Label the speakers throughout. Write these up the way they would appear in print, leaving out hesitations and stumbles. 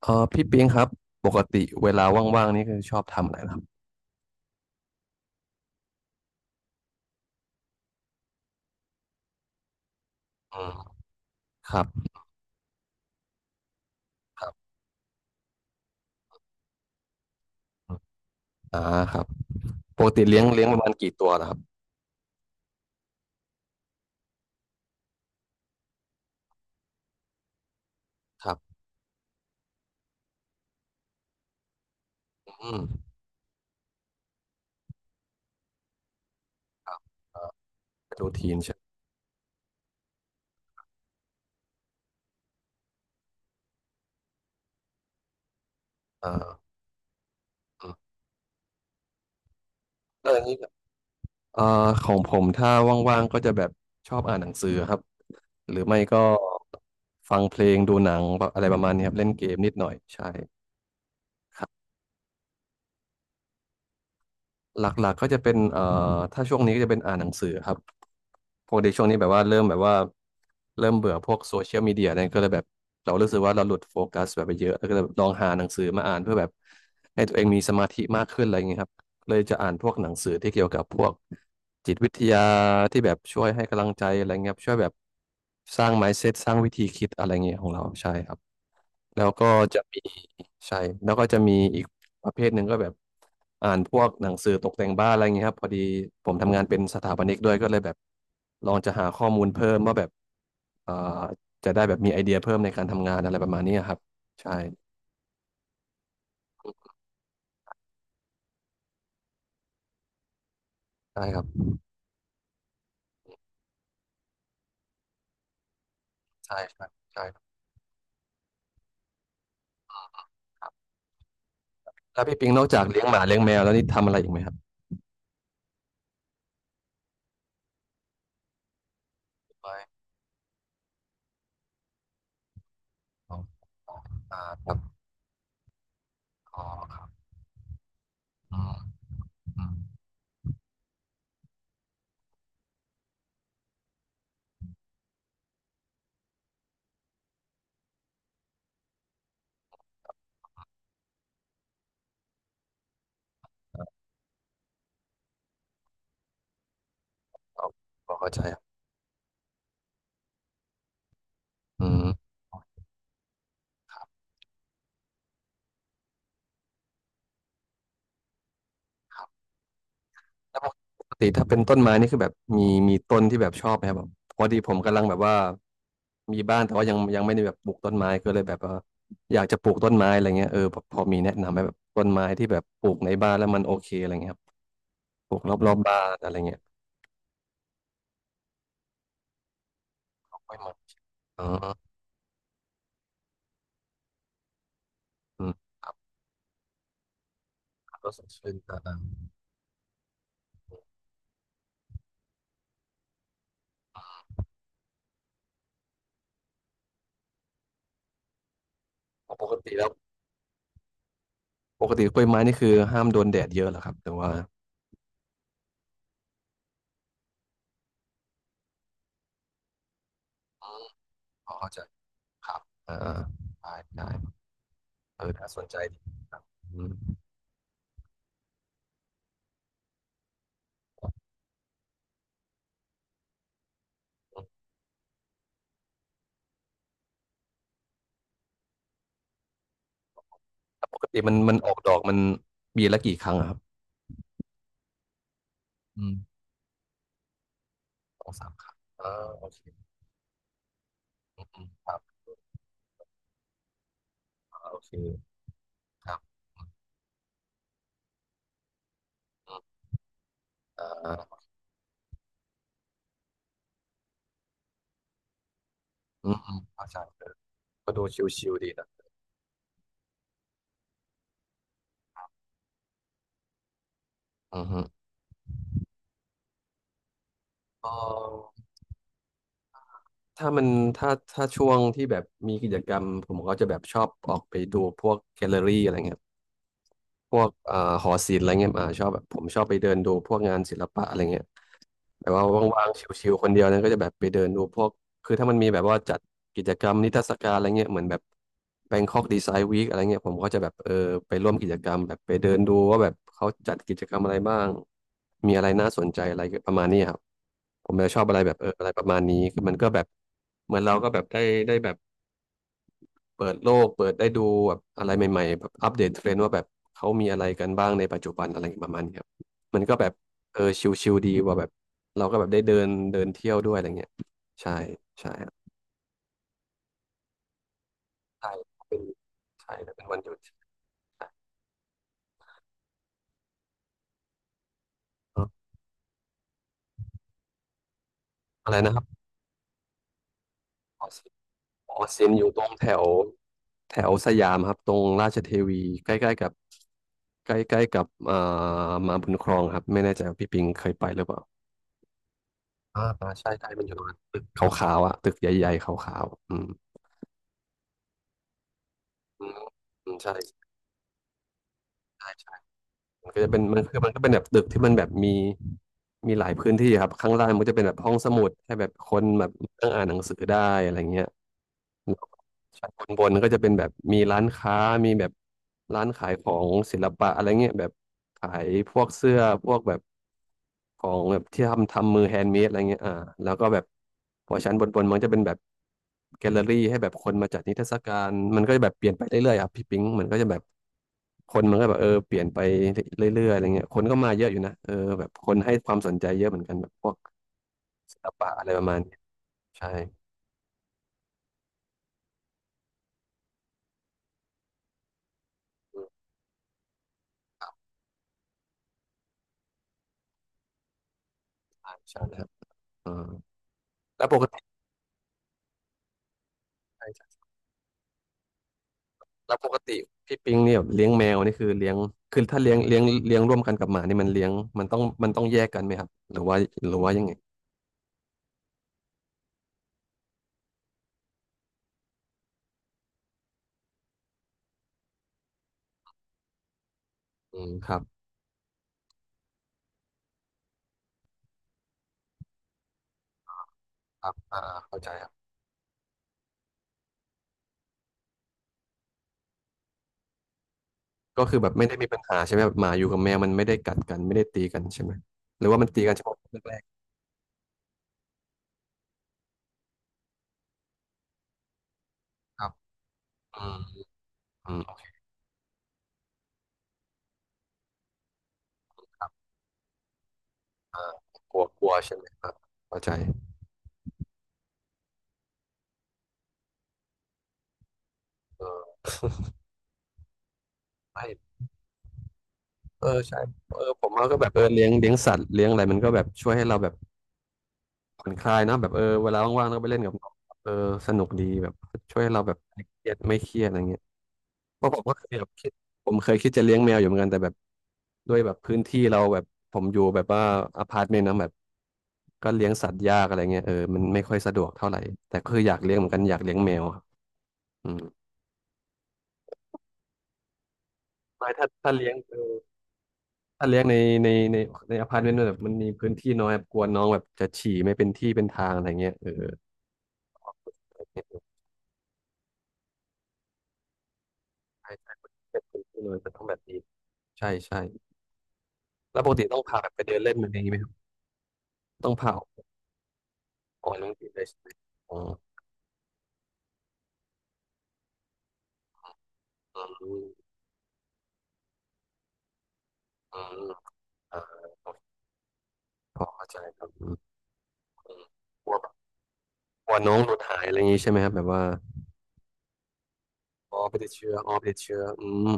Speaker 1: เออพี่ปิงครับปกติเวลาว่างๆนี่คือชอบทำอะไรนะครับอืมครับครับอ่าครับปกติเลี้ยงประมาณกี่ตัวนะครับครับอืมเป็นรูทีนใช่ไหมอ่าอืมแล้วอย่างนี้เอ่อของผมถ้าว่างๆก็จะแบบชอบอ่านหนังสือครับหรือไม่ก็ฟังเพลงดูหนังแบบอะไรประมาณนี้ครับเล่นเกมนิดหน่อยใช่ครับหลักๆก็จะเป็นถ้าช่วงนี้ก็จะเป็นอ่านหนังสือครับ ปกติช่วงนี้แบบว่าเริ่มเบื่อพวกโซเชียลมีเดียเนี่ยก็เลยแบบเรารู้สึกว่าเราหลุดโฟกัสแบบไปเยอะแล้วก็เลยลองหาหนังสือมาอ่านเพื่อแบบให้ตัวเองมีสมาธิมากขึ้นอะไรอย่างเงี้ยครับเลยจะอ่านพวกหนังสือที่เกี่ยวกับพวกจิตวิทยาที่แบบช่วยให้กำลังใจอะไรเงี้ยครับช่วยแบบสร้าง mindset สร้างวิธีคิดอะไรเงี้ยของเราใช่ครับ แล้วก็จะมีใช่แล้วก็จะมีอีกประเภทหนึ่งก็แบบอ่านพวกหนังสือตกแต่งบ้านอะไรอย่างเงี้ยครับพอดีผมทำงานเป็นสถาปนิกด้วยก็เลยแบบลองจะหาข้อมูลเพิ่มว่าแบบเอ่อจะได้แบบมีไอเดียเพิ่มในการทำงานอะไรประมาณนี้ครับใช่ใช่ครับใช่ใช่ใช่ครับแล้วพี่ปิงนอกจากเลี้ยงหมาเลี้ยงแมวแล้วนี่ทำอะไรอีกไหมครับไม่อ๋อครับอ๋ออืมอืมอ๋อเข้าใจครับอืม แล้วปกติถ้าเป็นต้นไม้นี่คือแบบมีมีต้นที่แบบชอบไหมครับแบบพอดีผมกำลังแบบว่ามีบ้านแต่ว่ายังไม่ได้แบบปลูกต้นไม้ก็เลยแบบว่าอยากจะปลูกต้นไม้อะไรเงี้ยเออแบบพอมีแนะนำไหมแบบต้นไม้ที่แบบปลูกในบ้านแล้วมันโอเคอะไรเงี้ยครับปลูกรอบบ้านอะไรเงี้ยกล้วยไม้อ๋ออืมครับก็สดชื่นอ่าดำอ๋อปกติแล้วปกติกล้วยไม้นี่คือห้ามโดนแดดเยอะเหรอครับแต่ว่าพอเข้าใจครับอ่าได้ได้เออน่าสนใจดีครับอืม ปกติมันออกดอกมันปีละกี่ครั้งอะครับอืมสองสามครั้งโอเคอืมครับโอเคครับอืมอ่าอืมอืมเข้าใจเลยก็ดูชิวๆดีนะอือฮึเออถ้ามันถ้าถ้าช่วงที่แบบมีกิจกรรมผมก็จะแบบชอบออกไปดูพวกแกลเลอรี่อะไรเงี้ยพวกหอศิลป์อะไรเงี้ยชอบแบบผมชอบไปเดินดูพวกงานศิลปะอะไรเงี้ย แบบว่าว่างๆชิวๆ คนเดียวนะก็จะแบบไปเดินดูพวกคือถ้ามันมีแบบว่าจัดกิจกรรมนิทรรศการอะไรเงี้ยเหมือนแบบ Bangkok Design Week อะไรเงี้ยผมก็จะแบบเออไปร่วมกิจกรรมแบบไปเดินดูว่าแบบเขาจัดกิจกรรมอะไรบ้างมีอะไรน่าสนใจอะไรประมาณนี้ครับผมจะชอบอะไรแบบเอออะไรประมาณนี้คือมันก็แบบเหมือนเราก็แบบได้ได้แบบ เปิดโลกเปิดได้ดูแบบอะไรใหม่ๆแบบอัปเดตเทรนด์ว่าแบบเขามีอะไรกันบ้างในปัจจุบันอะไรประมาณนี้ครับมันก็แบบเออชิลๆดีว่าแบบเราก็แบบได้เดินเดินเที่ยวด้วยอะไรเงี้ยใช่ใช่ครับใช่เป็นใช่แล้วเป็นวันหยุดอ่ออะไรนะครับออซินออซินอยู่ตรงแถวแถวสยามครับตรงราชเทวีใกล้ๆกับใกล้ๆกับมาบุญครองครับไม่แน่ใจว่าพี่ปิงเคยไปหรือเปล่า อ่าอ่าใช่ใช่มันอยู่ตรงนั้นตึกขาวๆอ่ะตึกใหญ่ๆขาวๆอืมอืมอืมใช่ใช่ใช่มันก็จะเป็นมันคือมันก็เป็นแบบตึกที่มันแบบมีมีหลายพื้นที่ครับข้างล่างมันก็จะเป็นแบบห้องสมุดให้แบบคนแบบนั่งอ่านหนังสือได้อะไรเงี้ยแล้วชั้นบนก็จะเป็นแบบมีร้านค้ามีแบบร้านขายของศิลปะอะไรเงี้ยแบบขายพวกเสื้อพวกแบบ ของแบบที่ทำมือแฮนด์เมดอะไรเงี้ยแล้วก็แบบพอชั้นบนมันจะเป็นแบบแกลเลอรี่ให้แบบคนมาจัดนิทรรศการมันก็จะแบบเปลี่ยนไปเรื่อยๆอ่ะพี่ปิงมันก็จะแบบคนมันก็แบบเปลี่ยนไปเรื่อยๆอะไรเงี้ยคนก็มาเยอะอยู่นะเออแบบคนให้ความสนใจเยอะเหมือนกันแบบพวกศิลปะอะไรประมาณนี้ใช่อืมใช่ใช่นะครับอ่าแล้วปกติใช่ใช่แล้วปกติพี่ปิงเนี่ยแบบเลี้ยงแมวนี่คือเลี้ยงคือถ้าเลี้ยงร่วมกันกับหมานี่มันเลี้ยงมันต้องแยกกันไหมครับหรือว่าหรือว่ายังไง อืมครับครับเข้าใจครับก็คือแบบไม่ได้มีปัญหาใช่ไหมแบบหมาอยู่กับแมวมันไม่ได้กัดกันไม่ได้ตีกันใช่ไหมหรือว่ามันตีกันเฉพาะแรกๆครับอืมอืมโอเคครับอ่ากลัวกลัวใช่ไหมครับเข้าใจเออใช่เออใช่เออผมว่าก็แบบเลี้ยงเลี้ยงสัตว์เลี้ยงอะไรมันก็แบบช่วยให้เราแบบผ่อนคลายนะแบบเวลาว่างๆเราก็ไปเล่นกับน้องเออสนุกดีแบบช่วยให้เราแบบไม่เครียดอะไรเงี้ยเพราะผมก็เคยแบบคิดผมเคยคิดจะเลี้ยงแมวอยู่เหมือนกันแต่แบบ ด้วยแบบพื้นที่เราแบบผมอยู่แบบว่าอพาร์ตเมนต์นะแบบก็เลี้ยงสัตว์ยากอะไรเงี้ยมันไม่ค่อยสะดวกเท่าไหร่แต่คืออยากเลี้ยงเหมือนกันอยากเลี้ยงแมวครับอืมไม่ถ้าเลี้ยงถ้าเลี้ยงในในในในอพาร์ตเมนต์แบบมันมีพื้นที่น้อยแบบกลัวน้องแบบจะฉี่ไม่เป็นที่เป็นทางอะไรเงี้ยเออใช่ใช่เป็นพื้นที่น้อยมันต้องแบบนี้ใช่ใช่แล้วปกติต้องพาแบบไปเดินเล่นอะไรอย่างงี้ไหมครับต้องพาออกออกกำลังกายเลยใช่ไหมอ๋ออืมอืมอ่าพอเข้าใจครับอืมอืม กลัวน้องหลุดหายอะไรอย่างนี้ใช่ไหมครับแบบว่าอ๋อไปติดเชื้ออ๋อไปติดเชื้ออืม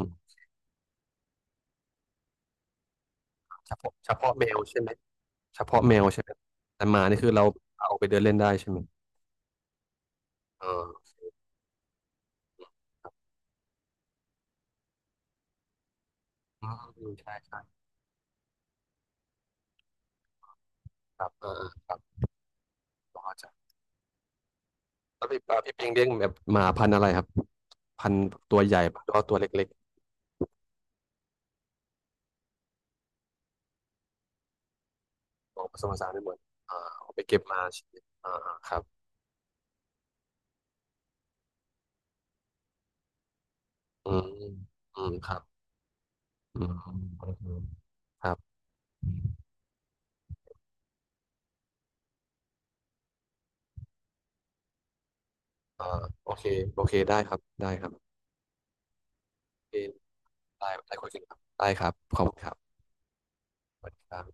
Speaker 1: เฉพาะแมวใช่ไหมเฉพาะแมวใช่ไหมแต่หมานี่คือเราเอาไปเดินเล่นได้ใช่ไหมเอออืมใช่ใช่ครับเออเออครับพอเข้าใจแล้วพี่ปาพี่ปิงเลี้ยงแบบหมาพันธุ์อะไรครับพันธุ์ตัวใหญ่ปะหรือว่าตัวเล็กๆของผสมผสานไม่เหมือนอ่าเอาไปเก็บมาใช่ไหมอ่าครับอืมอืมครับอืมอืมอืมครับอ่าโอเคโอเคได้ครับได้ครับโอเค ได้ได้คุยกันครับได้ครับ ขอบคุณครับสวัสดีครับ